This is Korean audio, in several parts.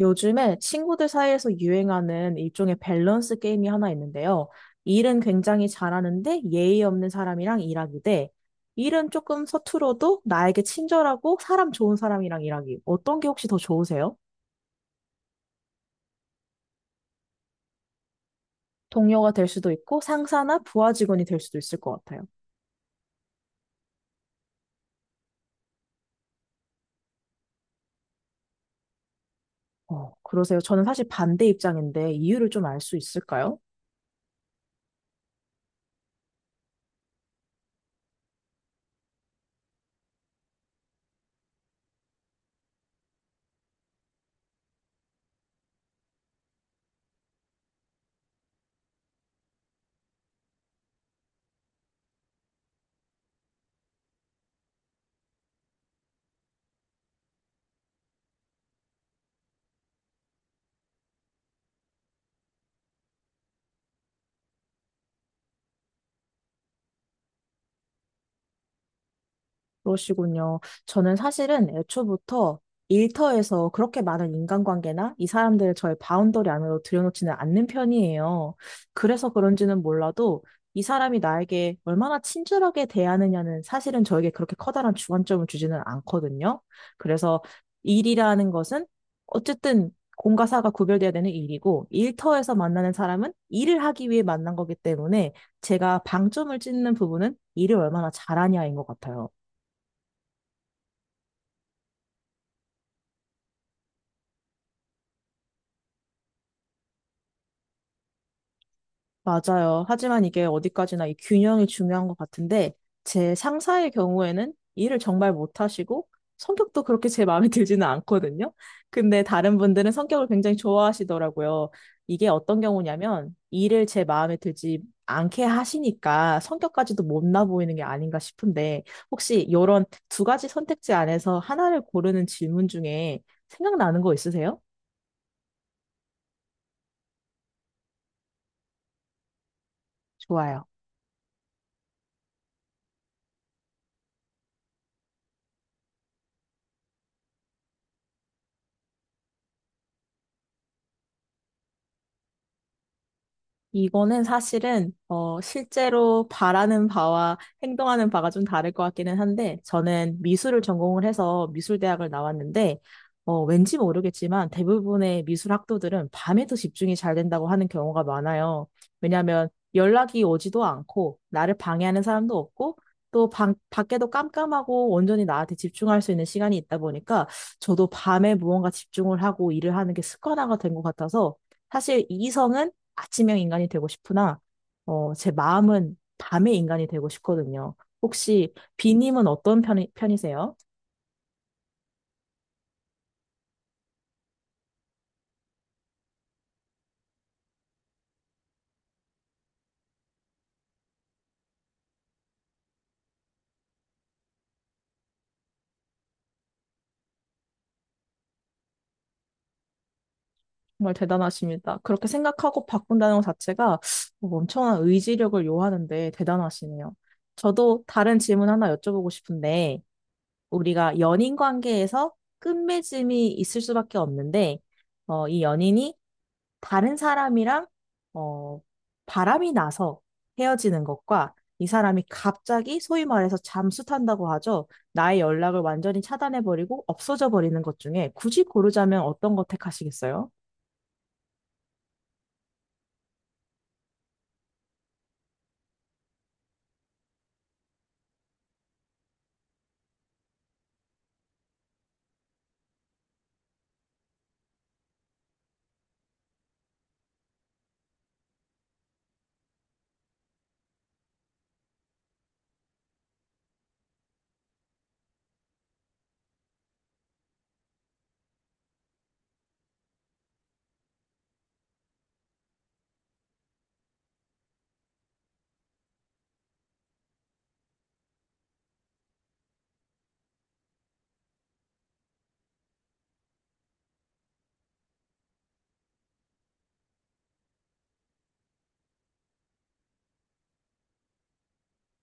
요즘에 친구들 사이에서 유행하는 일종의 밸런스 게임이 하나 있는데요. 일은 굉장히 잘하는데 예의 없는 사람이랑 일하기 대 일은 조금 서툴어도 나에게 친절하고 사람 좋은 사람이랑 일하기. 어떤 게 혹시 더 좋으세요? 동료가 될 수도 있고 상사나 부하 직원이 될 수도 있을 것 같아요. 그러세요? 저는 사실 반대 입장인데 이유를 좀 알 수 있을까요? 그러시군요. 저는 사실은 애초부터 일터에서 그렇게 많은 인간관계나 이 사람들을 저의 바운더리 안으로 들여놓지는 않는 편이에요. 그래서 그런지는 몰라도 이 사람이 나에게 얼마나 친절하게 대하느냐는 사실은 저에게 그렇게 커다란 주관점을 주지는 않거든요. 그래서 일이라는 것은 어쨌든 공과 사가 구별돼야 되는 일이고 일터에서 만나는 사람은 일을 하기 위해 만난 거기 때문에 제가 방점을 찍는 부분은 일을 얼마나 잘하냐인 것 같아요. 맞아요. 하지만 이게 어디까지나 이 균형이 중요한 것 같은데, 제 상사의 경우에는 일을 정말 못하시고, 성격도 그렇게 제 마음에 들지는 않거든요. 근데 다른 분들은 성격을 굉장히 좋아하시더라고요. 이게 어떤 경우냐면, 일을 제 마음에 들지 않게 하시니까 성격까지도 못나 보이는 게 아닌가 싶은데, 혹시 이런 두 가지 선택지 안에서 하나를 고르는 질문 중에 생각나는 거 있으세요? 좋아요. 이거는 사실은 실제로 바라는 바와 행동하는 바가 좀 다를 것 같기는 한데 저는 미술을 전공을 해서 미술대학을 나왔는데 왠지 모르겠지만 대부분의 미술 학도들은 밤에도 집중이 잘 된다고 하는 경우가 많아요. 왜냐하면 연락이 오지도 않고 나를 방해하는 사람도 없고 또 방, 밖에도 깜깜하고 온전히 나한테 집중할 수 있는 시간이 있다 보니까 저도 밤에 무언가 집중을 하고 일을 하는 게 습관화가 된 것 같아서 사실 이성은 아침형 인간이 되고 싶으나, 제 마음은 밤의 인간이 되고 싶거든요. 혹시 비님은 어떤 편이, 편이세요? 정말 대단하십니다. 그렇게 생각하고 바꾼다는 것 자체가 뭐 엄청난 의지력을 요하는데 대단하시네요. 저도 다른 질문 하나 여쭤보고 싶은데, 우리가 연인 관계에서 끝맺음이 있을 수밖에 없는데, 이 연인이 다른 사람이랑 어, 바람이 나서 헤어지는 것과 이 사람이 갑자기 소위 말해서 잠수탄다고 하죠. 나의 연락을 완전히 차단해버리고 없어져 버리는 것 중에 굳이 고르자면 어떤 거 택하시겠어요?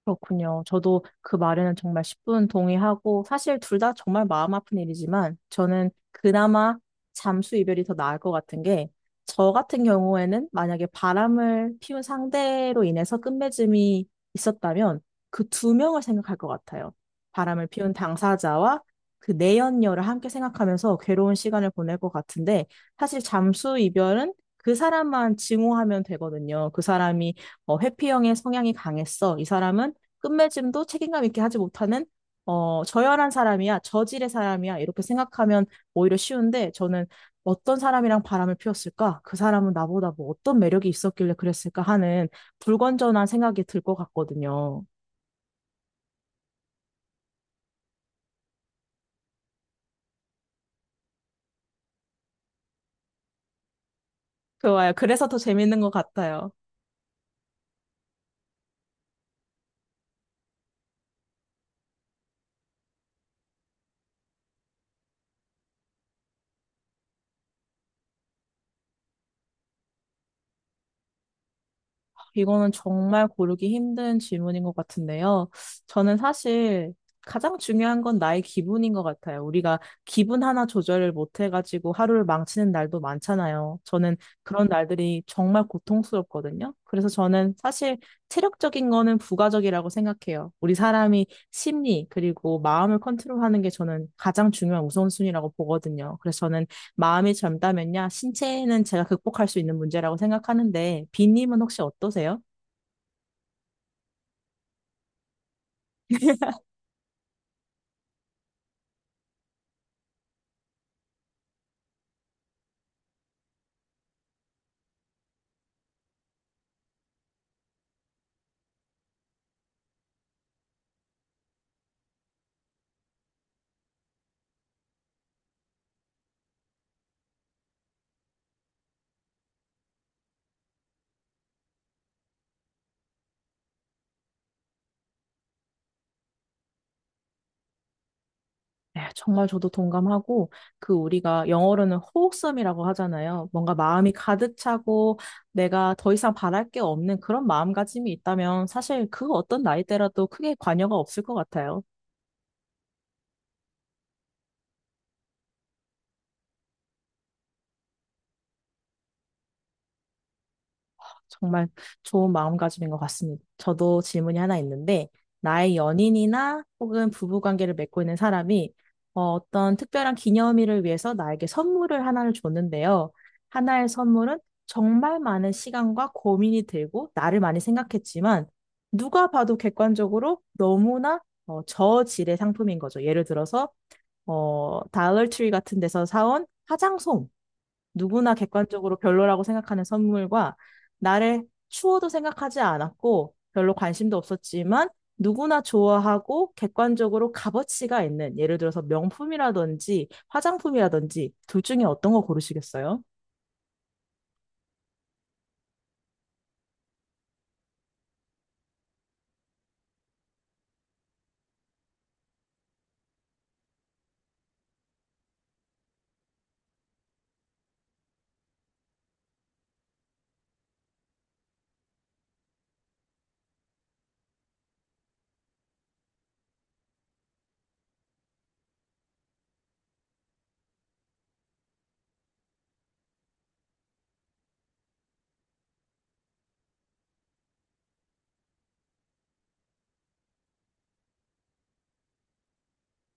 그렇군요. 저도 그 말에는 정말 10분 동의하고, 사실 둘 다 정말 마음 아픈 일이지만, 저는 그나마 잠수 이별이 더 나을 것 같은 게, 저 같은 경우에는 만약에 바람을 피운 상대로 인해서 끝맺음이 있었다면, 그 두 명을 생각할 것 같아요. 바람을 피운 당사자와 그 내연녀를 함께 생각하면서 괴로운 시간을 보낼 것 같은데, 사실 잠수 이별은 그 사람만 증오하면 되거든요. 그 사람이 회피형의 성향이 강했어. 이 사람은 끝맺음도 책임감 있게 하지 못하는 저열한 사람이야, 저질의 사람이야 이렇게 생각하면 오히려 쉬운데 저는 어떤 사람이랑 바람을 피웠을까? 그 사람은 나보다 뭐 어떤 매력이 있었길래 그랬을까 하는 불건전한 생각이 들 것 같거든요. 좋아요. 그래서 더 재밌는 것 같아요. 이거는 정말 고르기 힘든 질문인 것 같은데요. 저는 사실 가장 중요한 건 나의 기분인 것 같아요. 우리가 기분 하나 조절을 못 해가지고 하루를 망치는 날도 많잖아요. 저는 그런 날들이 정말 고통스럽거든요. 그래서 저는 사실 체력적인 거는 부가적이라고 생각해요. 우리 사람이 심리, 그리고 마음을 컨트롤하는 게 저는 가장 중요한 우선순위라고 보거든요. 그래서 저는 마음이 젊다면야 신체는 제가 극복할 수 있는 문제라고 생각하는데 비님은 혹시 어떠세요? 네, 정말 저도 동감하고 그 우리가 영어로는 호흡섬이라고 하잖아요. 뭔가 마음이 가득 차고 내가 더 이상 바랄 게 없는 그런 마음가짐이 있다면 사실 그 어떤 나이대라도 크게 관여가 없을 것 같아요. 정말 좋은 마음가짐인 것 같습니다. 저도 질문이 하나 있는데, 나의 연인이나 혹은 부부관계를 맺고 있는 사람이 어떤 특별한 기념일을 위해서 나에게 선물을 하나를 줬는데요. 하나의 선물은 정말 많은 시간과 고민이 들고 나를 많이 생각했지만, 누가 봐도 객관적으로 너무나 저질의 상품인 거죠. 예를 들어서, 다이어트리 같은 데서 사온 화장솜. 누구나 객관적으로 별로라고 생각하는 선물과 나를 추워도 생각하지 않았고 별로 관심도 없었지만 누구나 좋아하고 객관적으로 값어치가 있는 예를 들어서 명품이라든지 화장품이라든지 둘 중에 어떤 거 고르시겠어요?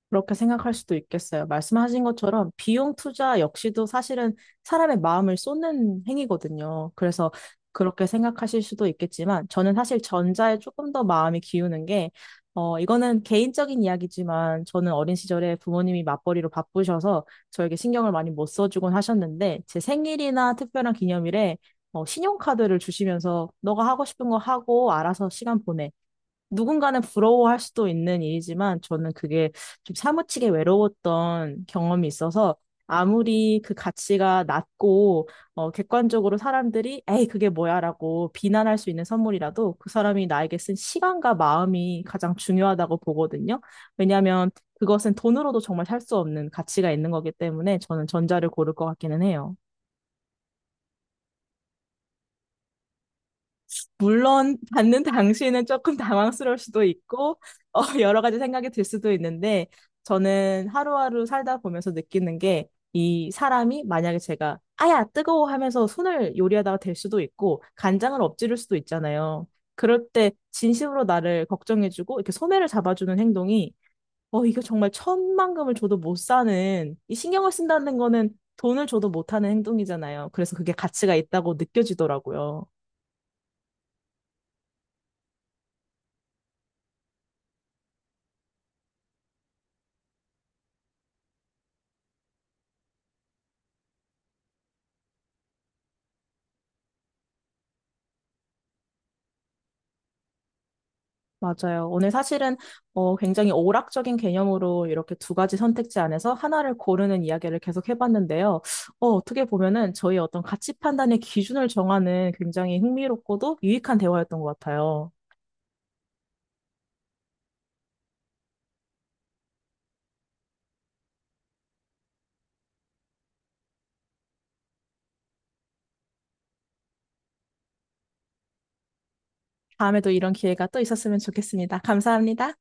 그렇게 생각할 수도 있겠어요. 말씀하신 것처럼 비용 투자 역시도 사실은 사람의 마음을 쏟는 행위거든요. 그래서 그렇게 생각하실 수도 있겠지만 저는 사실 전자에 조금 더 마음이 기우는 게 이거는 개인적인 이야기지만 저는 어린 시절에 부모님이 맞벌이로 바쁘셔서 저에게 신경을 많이 못 써주곤 하셨는데 제 생일이나 특별한 기념일에 신용카드를 주시면서 너가 하고 싶은 거 하고 알아서 시간 보내. 누군가는 부러워할 수도 있는 일이지만 저는 그게 좀 사무치게 외로웠던 경험이 있어서 아무리 그 가치가 낮고 객관적으로 사람들이 에이 그게 뭐야라고 비난할 수 있는 선물이라도 그 사람이 나에게 쓴 시간과 마음이 가장 중요하다고 보거든요. 왜냐하면 그것은 돈으로도 정말 살 수 없는 가치가 있는 거기 때문에 저는 전자를 고를 것 같기는 해요. 물론 받는 당시에는 조금 당황스러울 수도 있고 여러 가지 생각이 들 수도 있는데 저는 하루하루 살다 보면서 느끼는 게 이 사람이 만약에 제가 아야 뜨거워 하면서 손을 요리하다가 될 수도 있고 간장을 엎지를 수도 있잖아요. 그럴 때 진심으로 나를 걱정해주고 이렇게 소매를 잡아주는 행동이 어 이거 정말 천만금을 줘도 못 사는 이 신경을 쓴다는 거는 돈을 줘도 못하는 행동이잖아요. 그래서 그게 가치가 있다고 느껴지더라고요. 맞아요. 오늘 사실은 굉장히 오락적인 개념으로 이렇게 두 가지 선택지 안에서 하나를 고르는 이야기를 계속 해봤는데요. 어떻게 보면은 저희 어떤 가치 판단의 기준을 정하는 굉장히 흥미롭고도 유익한 대화였던 것 같아요. 다음에도 이런 기회가 또 있었으면 좋겠습니다. 감사합니다.